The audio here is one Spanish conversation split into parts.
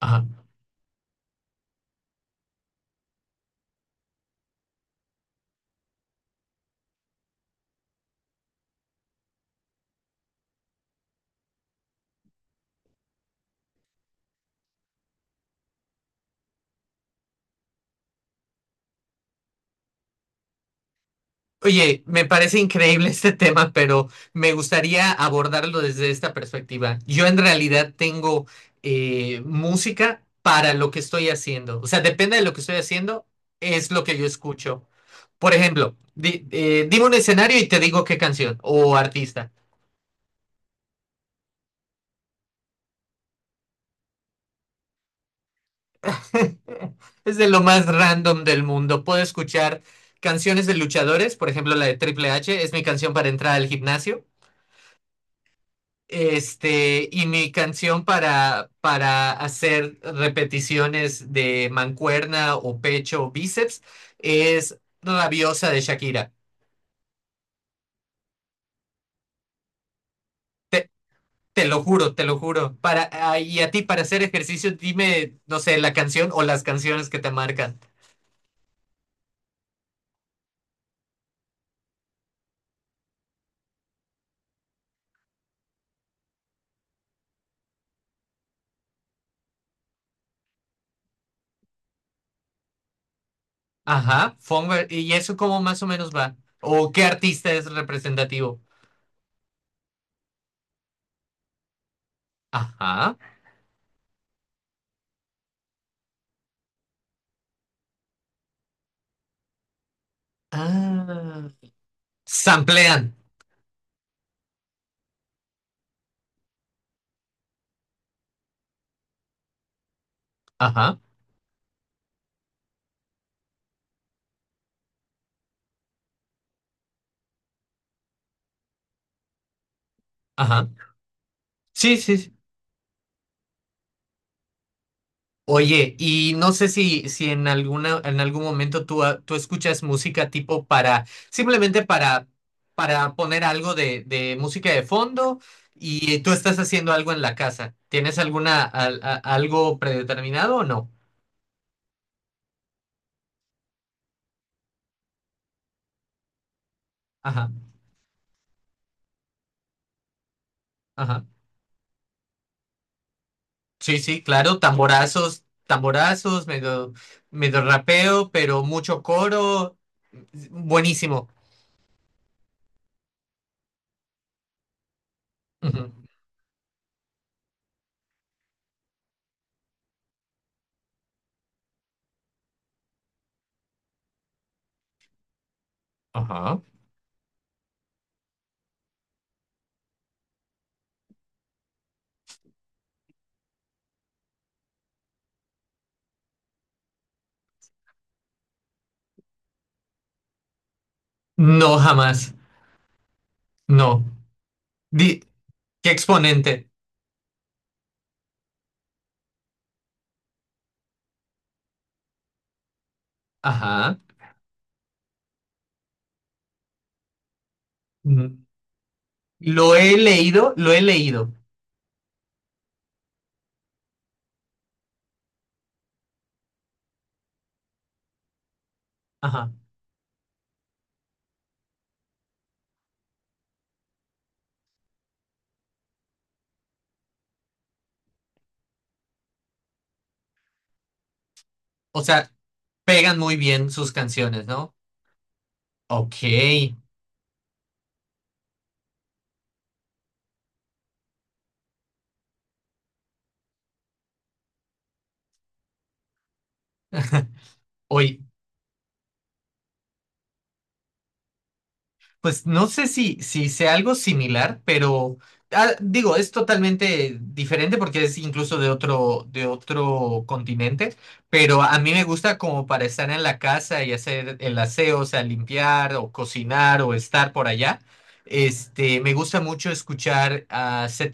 Ajá. Oye, me parece increíble este tema, pero me gustaría abordarlo desde esta perspectiva. Yo en realidad tengo música para lo que estoy haciendo. O sea, depende de lo que estoy haciendo, es lo que yo escucho. Por ejemplo, dime un escenario y te digo qué canción o artista. Es de lo más random del mundo. Puedo escuchar canciones de luchadores, por ejemplo, la de Triple H es mi canción para entrar al gimnasio. Este, y mi canción para hacer repeticiones de mancuerna o pecho o bíceps es Rabiosa de Shakira. Te, te lo juro, te lo juro. Para, ah, y a ti, para hacer ejercicio, dime, no sé, la canción o las canciones que te marcan. Ajá, Fonver, ¿y eso cómo más o menos va? ¿O qué artista es representativo? Ajá. Ah, samplean. Ajá, ajá. Sí, sí, sí. Oye, y no sé si en en algún momento tú, ah, tú escuchas música tipo para, simplemente para poner algo de música de fondo y tú estás haciendo algo en la casa. ¿Tienes alguna, algo predeterminado o no? Ajá, ajá. Sí, sí, claro, tamborazos, tamborazos, medio, medio rapeo, pero mucho coro. Buenísimo. Ujú. Ajá. No, jamás. No. Di- ¿Qué exponente? Ajá. Ujú. Lo he leído, lo he leído. Ajá. O sea, pegan muy bien sus canciones, ¿no? Ok. Oye, pues no sé si sea algo similar, pero ah, digo, es totalmente diferente porque es incluso de de otro continente, pero a mí me gusta como para estar en la casa y hacer el aseo, o sea, limpiar o cocinar o estar por allá. Este, me gusta mucho escuchar a C.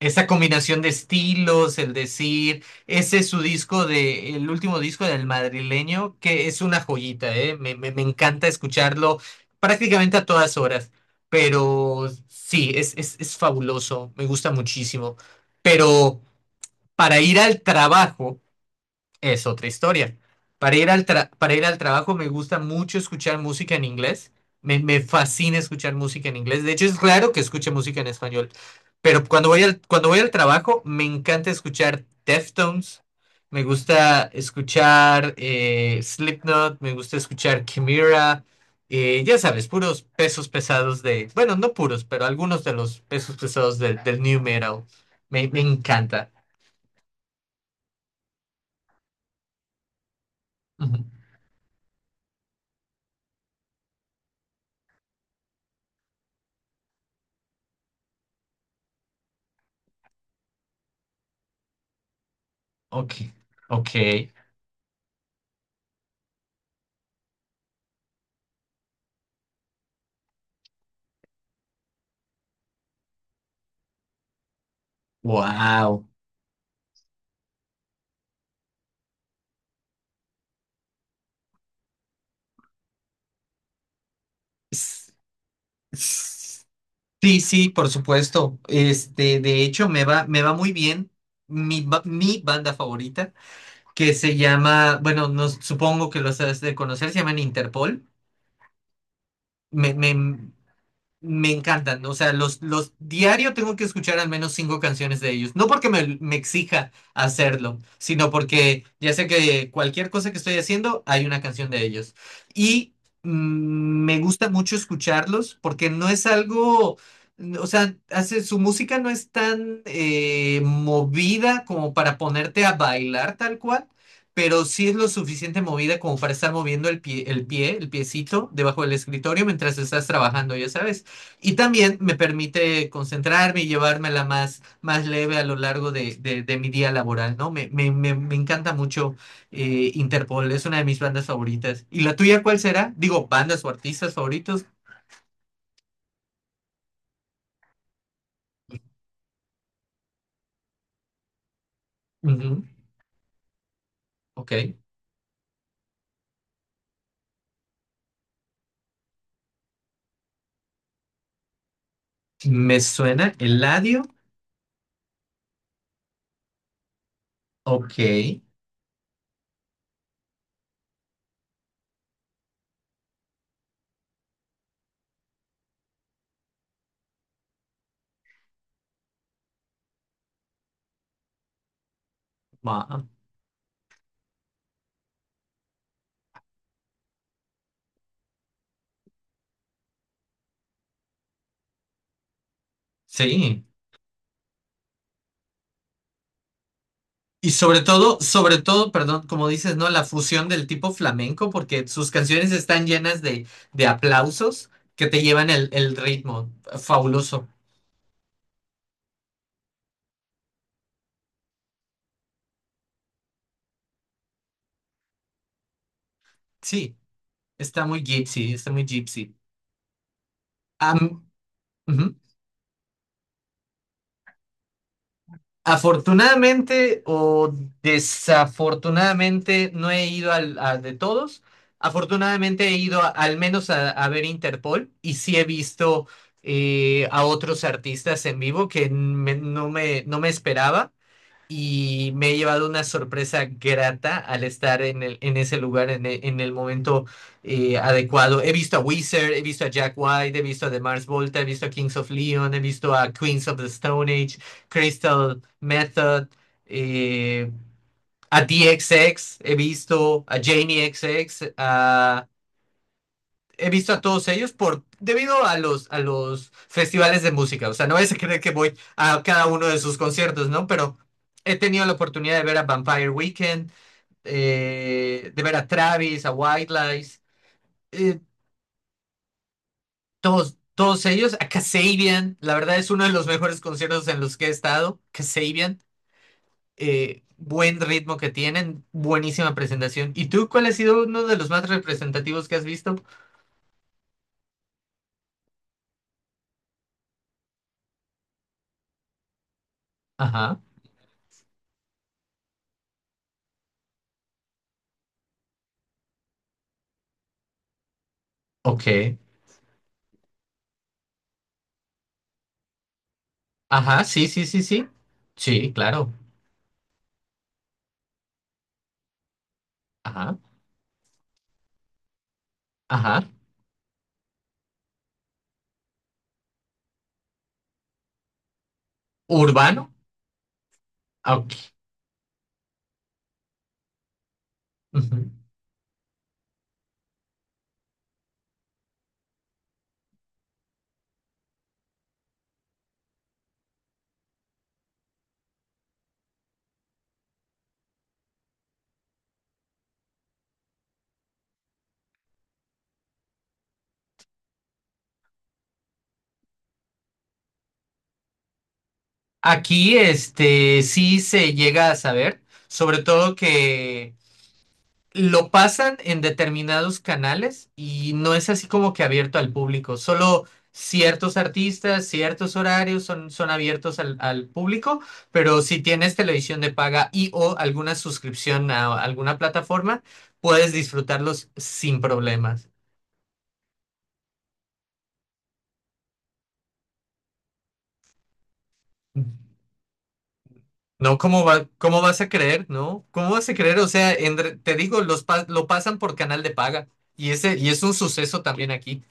Esa combinación de estilos, el decir, ese es su disco de, el último disco del madrileño, que es una joyita, ¿eh? Me encanta escucharlo prácticamente a todas horas, pero sí, es fabuloso, me gusta muchísimo. Pero para ir al trabajo es otra historia. Para ir al para ir al trabajo me gusta mucho escuchar música en inglés. Me fascina escuchar música en inglés. De hecho, es raro que escuche música en español. Pero cuando voy al trabajo, me encanta escuchar Deftones. Me gusta escuchar Slipknot. Me gusta escuchar Chimera. Ya sabes, puros pesos pesados de... Bueno, no puros, pero algunos de los pesos pesados del new metal. Me encanta. Ujú. Ok, ok. Wow. S- s- Sí, sí, por supuesto. Este, de hecho, me va muy bien mi banda favorita, que se llama, bueno, no, supongo que los has de conocer, se llaman Interpol. Me, me, Me encantan, o sea, los diario tengo que escuchar al menos 5 canciones de ellos. No porque me exija hacerlo, sino porque ya sé que cualquier cosa que estoy haciendo hay una canción de ellos. Y mm, me gusta mucho escucharlos porque no es algo, o sea, hace, su música no es tan movida como para ponerte a bailar tal cual, pero sí es lo suficiente movida como para estar moviendo el pie, el pie, el piecito debajo del escritorio mientras estás trabajando, ya sabes. Y también me permite concentrarme y llevármela más, más leve a lo largo de mi día laboral, ¿no? Me encanta mucho Interpol, es una de mis bandas favoritas. ¿Y la tuya cuál será? Digo, bandas o artistas favoritos. Ujú, ok. Me suena Eladio. Ok. Va. Sí. Y sobre todo, perdón, como dices, ¿no? La fusión del tipo flamenco, porque sus canciones están llenas de aplausos que te llevan el ritmo. Fabuloso. Sí, está muy gypsy, está muy gypsy. Am- ujú. Afortunadamente o desafortunadamente no he ido a de todos. Afortunadamente he ido al menos a ver Interpol y sí he visto a otros artistas en vivo que no me esperaba. Y me he llevado una sorpresa grata al estar en el, en ese lugar en el momento adecuado. He visto a Wizard, he visto a Jack White, he visto a The Mars Volta, he visto a Kings of Leon, he visto a Queens of the Stone Age, Crystal Method, eh, a DXX, he visto a Jamie XX, a he visto a todos ellos por debido a los festivales de música. O sea, no es a creer que voy a cada uno de sus conciertos, ¿no? Pero he tenido la oportunidad de ver a Vampire Weekend, de ver a Travis, a White Lies, eh, todos, todos ellos, a Kasabian. La verdad es uno de los mejores conciertos en los que he estado. Kasabian, buen ritmo que tienen, buenísima presentación. ¿Y tú cuál ha sido uno de los más representativos que has visto? Ajá, ok. Ajá, sí, sí, sí, sí. Sí, claro. Ajá, ajá. Urbano. Ah, ok, ujú. Aquí, este, sí se llega a saber, sobre todo que lo pasan en determinados canales y no es así como que abierto al público. Solo ciertos artistas, ciertos horarios son, son abiertos al, al público, pero si tienes televisión de paga y o alguna suscripción a alguna plataforma, puedes disfrutarlos sin problemas. No, ¿cómo va, cómo vas a creer, no? ¿Cómo vas a creer? O sea, te digo, los lo pasan por canal de paga y ese y es un suceso también aquí.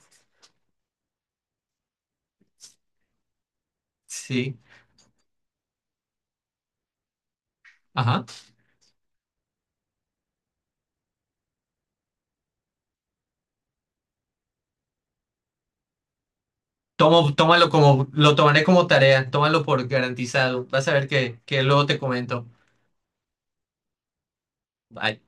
Sí, ajá. Tomo, tómalo como, lo tomaré como tarea, tómalo por garantizado. Vas a ver que luego te comento. Bye.